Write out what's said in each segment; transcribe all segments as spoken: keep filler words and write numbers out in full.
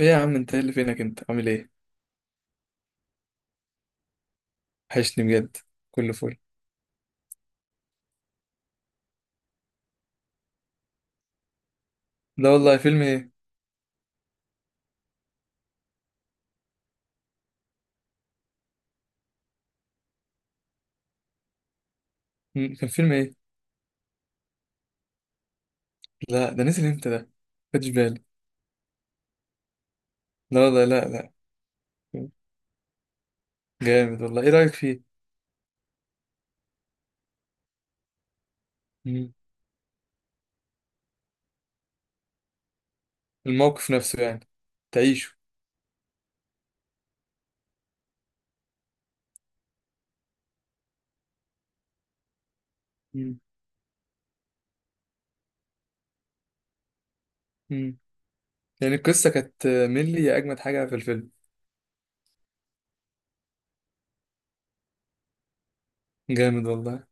ايه يا عم؟ انت ايه اللي فينك؟ انت عامل ايه؟ وحشني بجد. كله فل. لا والله، فيلم ايه؟ مم، كان فيلم ايه؟ لا، ده نزل امتى ده؟ خدش بالي. لا والله. لا لا. جامد والله، ايه رأيك فيه؟ مم. الموقف نفسه يعني. تعيشه. مم. مم. يعني القصة كانت ملي، يا اجمد حاجة في الفيلم. جامد والله.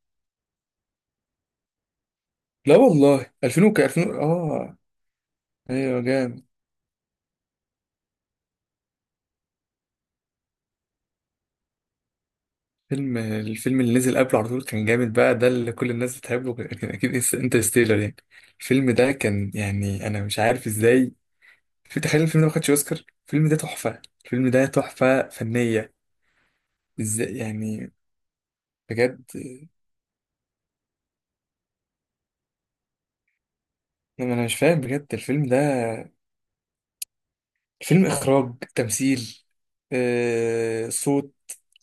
لا والله، ألفين وك ألفين. اه ايوه جامد. فيلم الفيلم اللي نزل قبله على طول كان جامد، بقى ده اللي كل الناس بتحبه، كان كان اكيد انترستيلر يعني. الفيلم ده كان يعني انا مش عارف ازاي. في تخيل الفيلم ده ما خدش اوسكار؟ الفيلم ده تحفة، الفيلم ده تحفة فنية. ازاي يعني؟ بجد انا مش فاهم بجد الفيلم ده. الفيلم، اخراج، تمثيل، آه، صوت،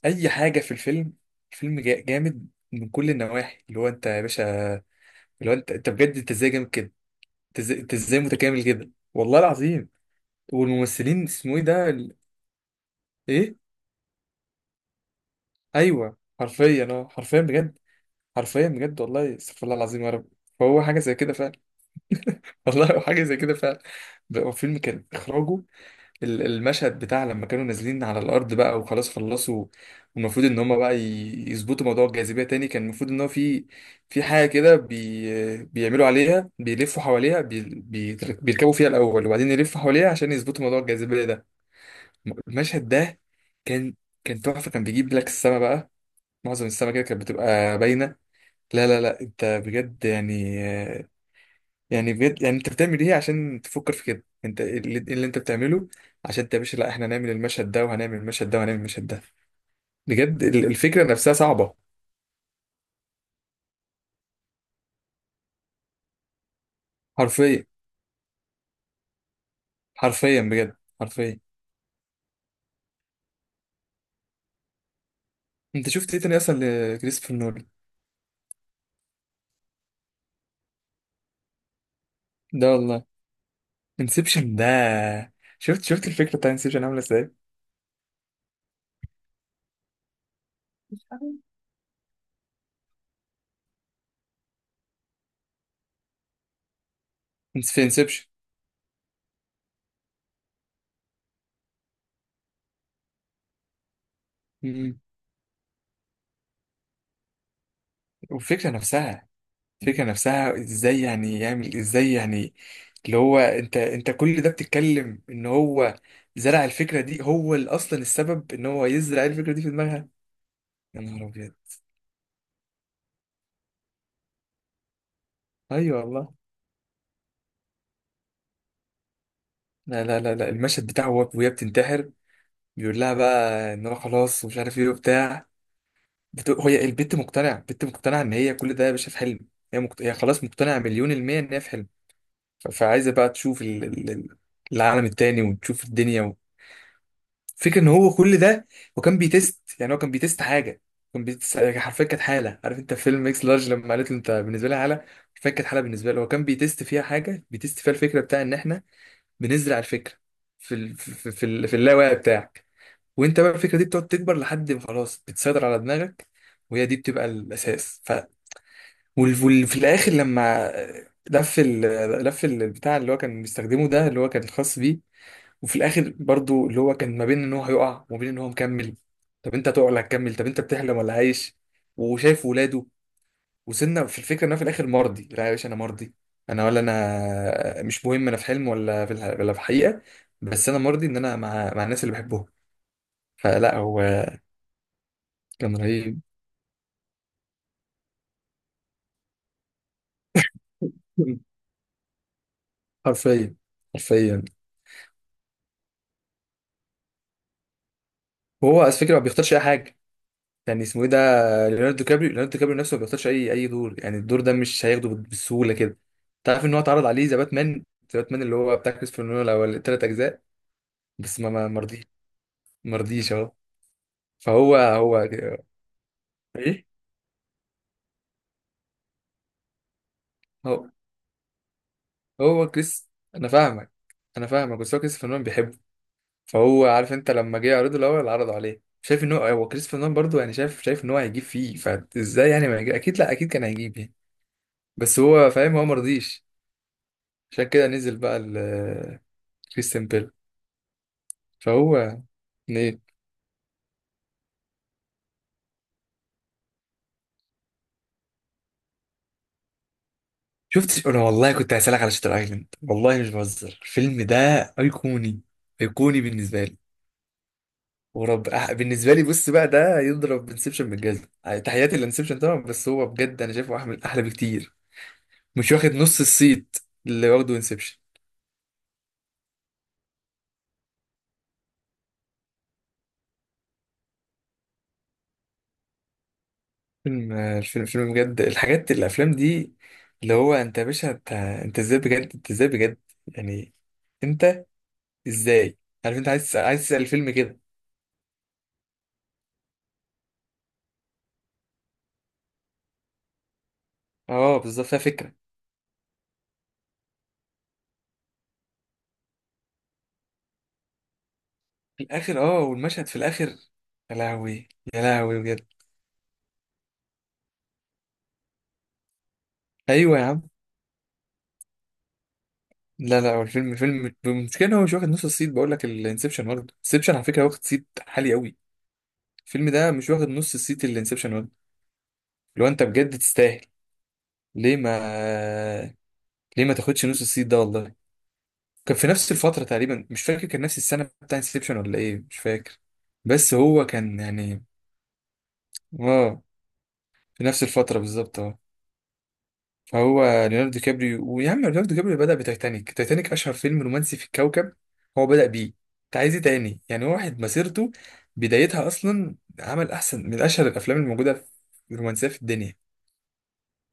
اي حاجة في الفيلم. الفيلم جا- جامد من كل النواحي. اللي هو انت يا باشا، اللي هو انت انت بجد، انت ازاي جامد كده. انت ازاي، أنت إزاي متكامل كده والله العظيم. والممثلين اسمه ايه ده ال- ايه؟ ايوه حرفيا، اه حرفيا بجد. حرفيا بجد والله، استغفر الله العظيم يا رب. فهو حاجه زي كده فعلا. والله هو حاجه زي كده فعلا. بقى هو فيلم، كان اخراجه، ال- المشهد بتاع لما كانوا نازلين على الارض بقى وخلاص خلصوا، والمفروض ان هم بقى ي- يظبطوا موضوع الجاذبيه تاني، كان المفروض ان هو في، في حاجه كده بي بيعملوا عليها، بيلفوا حواليها، بي بيتر- بيركبوا فيها الاول وبعدين يلفوا حواليها عشان يظبطوا موضوع الجاذبيه ده. المشهد ده كان، كان تحفه، كان بيجيب لك السما بقى، معظم السما كده كانت بتبقى باينه. لا لا لا، انت بجد يعني، يعني بجد يعني انت بتعمل ايه عشان تفكر في كده؟ انت إيه اللي, إيه اللي انت بتعمله؟ عشان انت يا باشا، لا احنا هنعمل المشهد ده وهنعمل المشهد ده وهنعمل المشهد ده. بجد ال- الفكره نفسها صعبه. حرفيا، حرفيا بجد، حرفيا. انت شفت ايه تاني اصلا لكريستوفر نولان؟ ده والله. انسبشن ده، شفت شفت الفكره بتاع انسبشن عامله ازاي؟ في انسبشن، والفكره نفسها، الفكرة نفسها ازاي يعني يعمل ازاي يعني. اللي هو انت انت كل ده بتتكلم ان هو زرع الفكرة دي، هو اللي اصلا السبب ان هو يزرع الفكرة دي في دماغها. يا نهار ابيض. ايوه والله. لا لا لا لا، المشهد بتاعه هو- وهي بتنتحر، بيقول لها بقى ان هو خلاص ومش عارف ايه وبتاع. بت... هي البت مقتنعة، البت مقتنعة ان هي كل ده يا باشا في حلم. هي مقت... هي خلاص مقتنعة مليون المية ان هي في حلم. ف- فعايزة بقى تشوف ال... ال... ال- العالم التاني وتشوف الدنيا، فكرة ان هو كل ده. وكان بيتست يعني، هو كان بيتست حاجه، كان بيتست حرفيا كانت حاله. عارف انت فيلم اكس لارج لما قالت له انت بالنسبه لي حاله؟ حرفيا كانت حاله بالنسبه له، هو كان بيتست فيها حاجه، بيتست فيها الفكره بتاع ان احنا بنزرع الفكره في ال... في في, ال... في اللاوعي بتاعك. وانت بقى الفكره دي بتقعد تكبر لحد ما خلاص بتسيطر على دماغك، وهي دي بتبقى الاساس. ف وال... وال... في الاخر، لما لف ال... لف البتاع اللي هو كان بيستخدمه ده، اللي هو كان الخاص بيه. وفي الاخر برضو اللي هو كان ما بين ان هو هيقع وما بين ان هو مكمل. طب انت هتقع ولا هتكمل؟ طب انت بتحلم ولا عايش وشايف ولاده؟ وصلنا في الفكره ان انا في الاخر مرضي، لا يا باشا، انا مرضي، انا ولا انا مش مهم، انا في حلم ولا في الح... ولا في حقيقه، بس انا مرضي ان انا مع مع الناس اللي بحبهم. فلا هو كان رهيب. حرفيا، حرفيا. وهو على فكره ما بيختارش اي حاجه. كان اسمه ايه ده؟ ليوناردو كابريو، ليوناردو كابريو نفسه ما بيختارش اي اي دور يعني. الدور ده مش هياخده بالسهوله كده. تعرف ان هو اتعرض عليه ذا باتمان؟ ذا باتمان اللي هو بتاع كريستوفر نولان الاول، الثلاث اجزاء، بس ما ما مرضيش، مرضيش اهو. فهو، هو. ايه؟ هو، هو كريس. انا فاهمك، انا فاهمك، بس هو كريستوفر نولان بيحبه. فهو عارف انت لما جه يعرضه الاول عرضه عليه، شايف ان هو هو كريستوفر نولان برضه يعني شايف، شايف ان هو هيجيب فيه. فازاي يعني ما يجيب؟ اكيد، لا اكيد كان هيجيب يعني. بس هو فاهم، هو مرضيش. عشان كده نزل بقى كريستيان بيل. فهو منين؟ شفت انا، والله كنت هسألك على شاتر ايلاند، والله مش بهزر، الفيلم ده ايقوني، ايقوني بالنسبه لي. ورب أح- بالنسبه لي بص بقى، ده يضرب انسبشن بالجزم. تحياتي لانسبشن طبعا، بس هو بجد انا شايفه احمل، احلى بكتير، مش واخد نص الصيت اللي واخده انسبشن. فيلم الفيلم فيلم بجد. الحاجات، الافلام دي اللي هو انت يا باشا، انت انت ازاي بجد، انت ازاي بجد؟ يعني انت ازاي؟ عارف انت عايز، عايز تسأل الفيلم كده. اه بالظبط، فيها فكره. الاخر، اه والمشهد في الاخر. يا لهوي. يا لهوي بجد. ايوه يا عم. لا لا، هو الفيلم، فيلم المشكله ان هو مش واخد نص الصيت. بقول لك الانسبشن واخد، انسبشن على فكره واخد صيت عالي قوي. الفيلم ده مش واخد نص الصيت اللي انسبشن واخد. لو انت بجد تستاهل، ليه ما ليه ما تاخدش نص الصيت ده والله. كان في نفس الفتره تقريبا، مش فاكر كان نفس السنه بتاع انسبشن ولا ايه، مش فاكر. بس هو كان يعني، اه، في نفس الفتره بالظبط آه. فهو ليوناردو دي كابريو، ويا عم ليوناردو دي كابريو بدأ بتايتانيك، تايتانيك أشهر فيلم رومانسي في الكوكب، هو بدأ بيه. أنت عايز إيه تاني يعني؟ واحد مسيرته بدايتها أصلا عمل أحسن من أشهر الأفلام الموجودة في الرومانسية في الدنيا.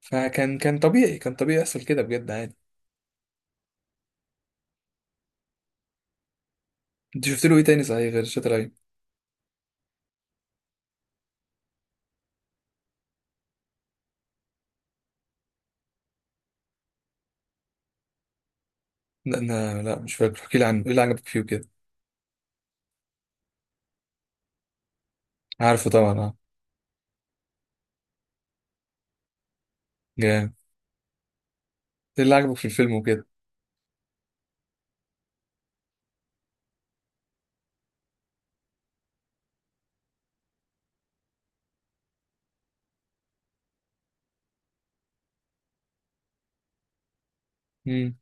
فكان كان طبيعي، كان طبيعي يحصل كده، بجد عادي. أنت شفت له إيه تاني صحيح غير شاتر أيلاند؟ لا أنا، لا مش فاكر. احكي لي عنه، إيه اللي عجبك فيه وكده؟ عارفه طبعا أه. جامد. إيه اللي عجبك في الفيلم وكده؟ مم.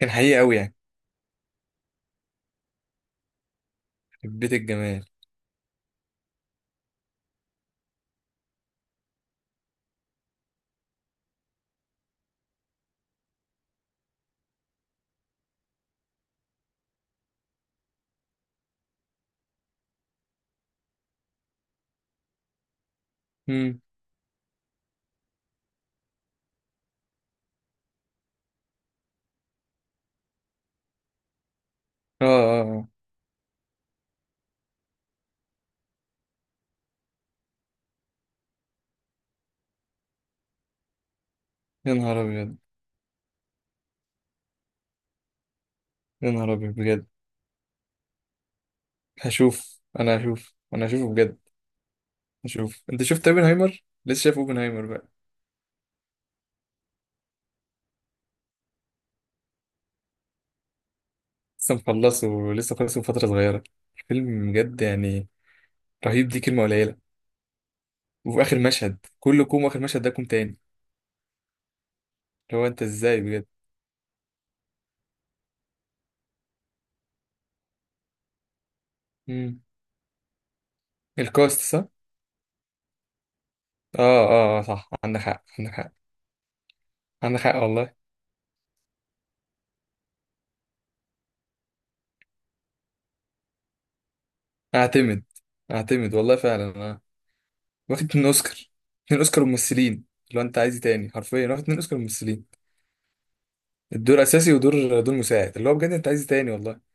كان حقيقي أوي يعني. حبيت الجمال. مم. أه أه. أه. يا نهار أبيض. يا نهار أبيض بجد. هشوف انا هشوف انا هشوفه بجد. هشوف. انت شفت اوبنهايمر؟ لسه شايف اوبنهايمر بقى؟ لسه مخلصه، ولسه خلصه من فتره صغيره. الفيلم بجد يعني رهيب، دي كلمه قليله. وفي اخر مشهد كل كوم، واخر مشهد ده كوم تاني. اللي هو انت ازاي بجد. امم. الكاست صح، اه. اه، آه، صح، عندك حق، عندك حق. عندك حق والله. اعتمد. اعتمد والله، فعلا اه. واخد اتنين اوسكار، اتنين اوسكار ممثلين. اللي هو انت عايز إيه تاني؟ حرفيا واخد اتنين اوسكار ممثلين. الدور اساسي، ودور دور مساعد. اللي هو بجد انت عايز إيه تاني والله.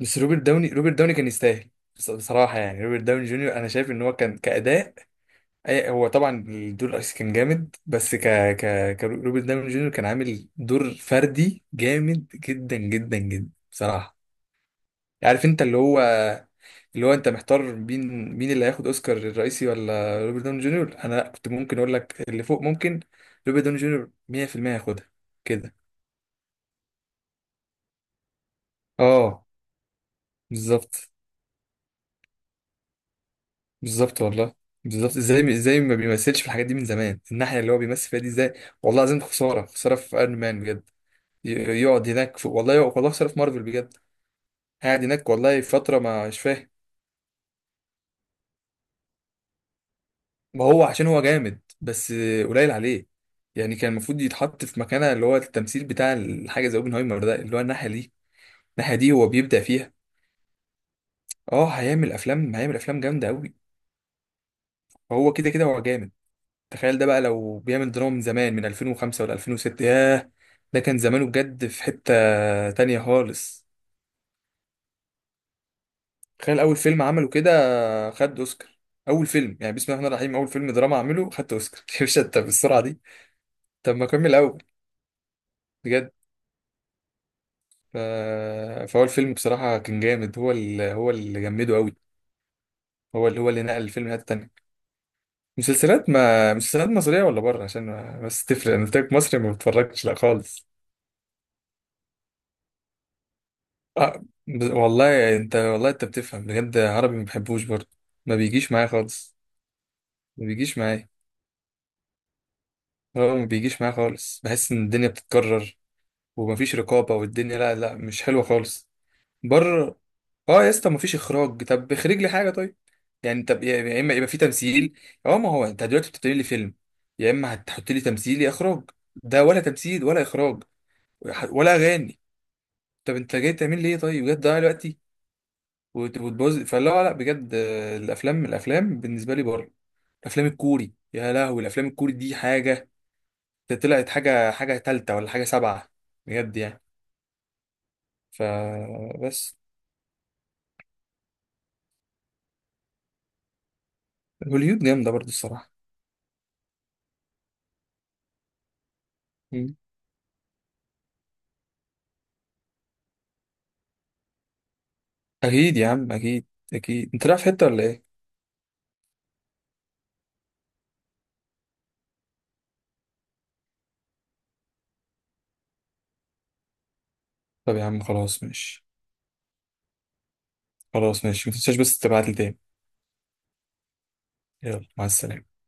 بس روبرت داوني روبرت داوني كان يستاهل. بص- بصراحة يعني روبرت داوني جونيور، أنا شايف إن هو كان كأداء، أي- هو طبعا الدور الأساسي كان جامد، بس ك ك كروبرت داوني جونيور كان عامل دور فردي جامد جدا جدا جدا بصراحة. عارف أنت اللي هو، اللي هو أنت محتار مين مين اللي هياخد أوسكار الرئيسي ولا روبرت داوني جونيور. أنا لأ، كنت ممكن أقول لك اللي فوق ممكن، روبرت داوني جونيور مية في المية هياخدها كده. أه بالظبط، بالظبط والله. بالظبط، ازاي، ازاي ما بيمثلش في الحاجات دي من زمان، الناحيه اللي هو بيمثل فيها دي ازاي؟ والله العظيم خساره، خساره في ايرون مان بجد. ي- يقعد هناك في، والله يقعد، والله خساره في مارفل بجد. قاعد هناك والله فتره ما مش فاهم. ما هو عشان هو جامد بس، قليل عليه. يعني كان المفروض يتحط في مكانه اللي هو التمثيل بتاع الحاجه زي اوبنهايمر ده، اللي هو الناحيه دي. الناحيه دي هو بيبدع فيها. اه هيعمل افلام هيعمل افلام جامده قوي. هو كده كده هو جامد. تخيل ده بقى لو بيعمل دراما من زمان، من ألفين وخمسة ولا ألفين وستة، ياه. ده كان زمانه بجد في حتة تانية خالص. تخيل أول فيلم عمله كده خد أوسكار. أول فيلم يعني، بسم الله الرحمن الرحيم، أول فيلم دراما عمله خدت أوسكار. يا باشا أنت بالسرعة دي، طب ما أكمل الأول. بجد. ف... فهو الفيلم بصراحة كان جامد، هو اللي هو اللي جمده أوي. هو اللي هو اللي نقل الفيلم لحتة تانية. مسلسلات، ما مسلسلات مصرية ولا بره، عشان ما، بس تفرق؟ أنا قلت لك مصري ما بتفرجش لا خالص. آه. ب- والله انت والله انت بتفهم بجد، عربي ما بحبوش برضه. ما بيجيش معايا خالص. ما بيجيش معايا. هو ما بيجيش معايا خالص، بحس ان الدنيا بتتكرر ومفيش رقابة، والدنيا لا لا مش حلوة خالص. بره. اه يا اسطى مفيش اخراج، طب اخرج لي حاجة طيب. يعني طب يا يا اما يبقى في تمثيل، اه ما هو انت دلوقتي بتعمل لي فيلم، يا اما هتحط لي تمثيل يا اخراج. ده ولا تمثيل ولا اخراج ولا اغاني. طب انت جاي تعمل لي ايه طيب؟ بجد ضيع الوقت وت- وتبوظ. فلا لا بجد، آه، الافلام، الافلام بالنسبه لي بره. الافلام الكوري، يا لهوي، الافلام الكوري دي حاجه. ده طلعت حاجه، حاجه تالتة ولا حاجه سبعه بجد يعني. فبس هوليود جامده برضو الصراحه. مم. اكيد يا عم، اكيد. اكيد انت رايح في حته ولا ايه؟ طب يا عم خلاص ماشي. خلاص ماشي، ما تنساش بس تبعت لي تاني. يلا مع السلامه.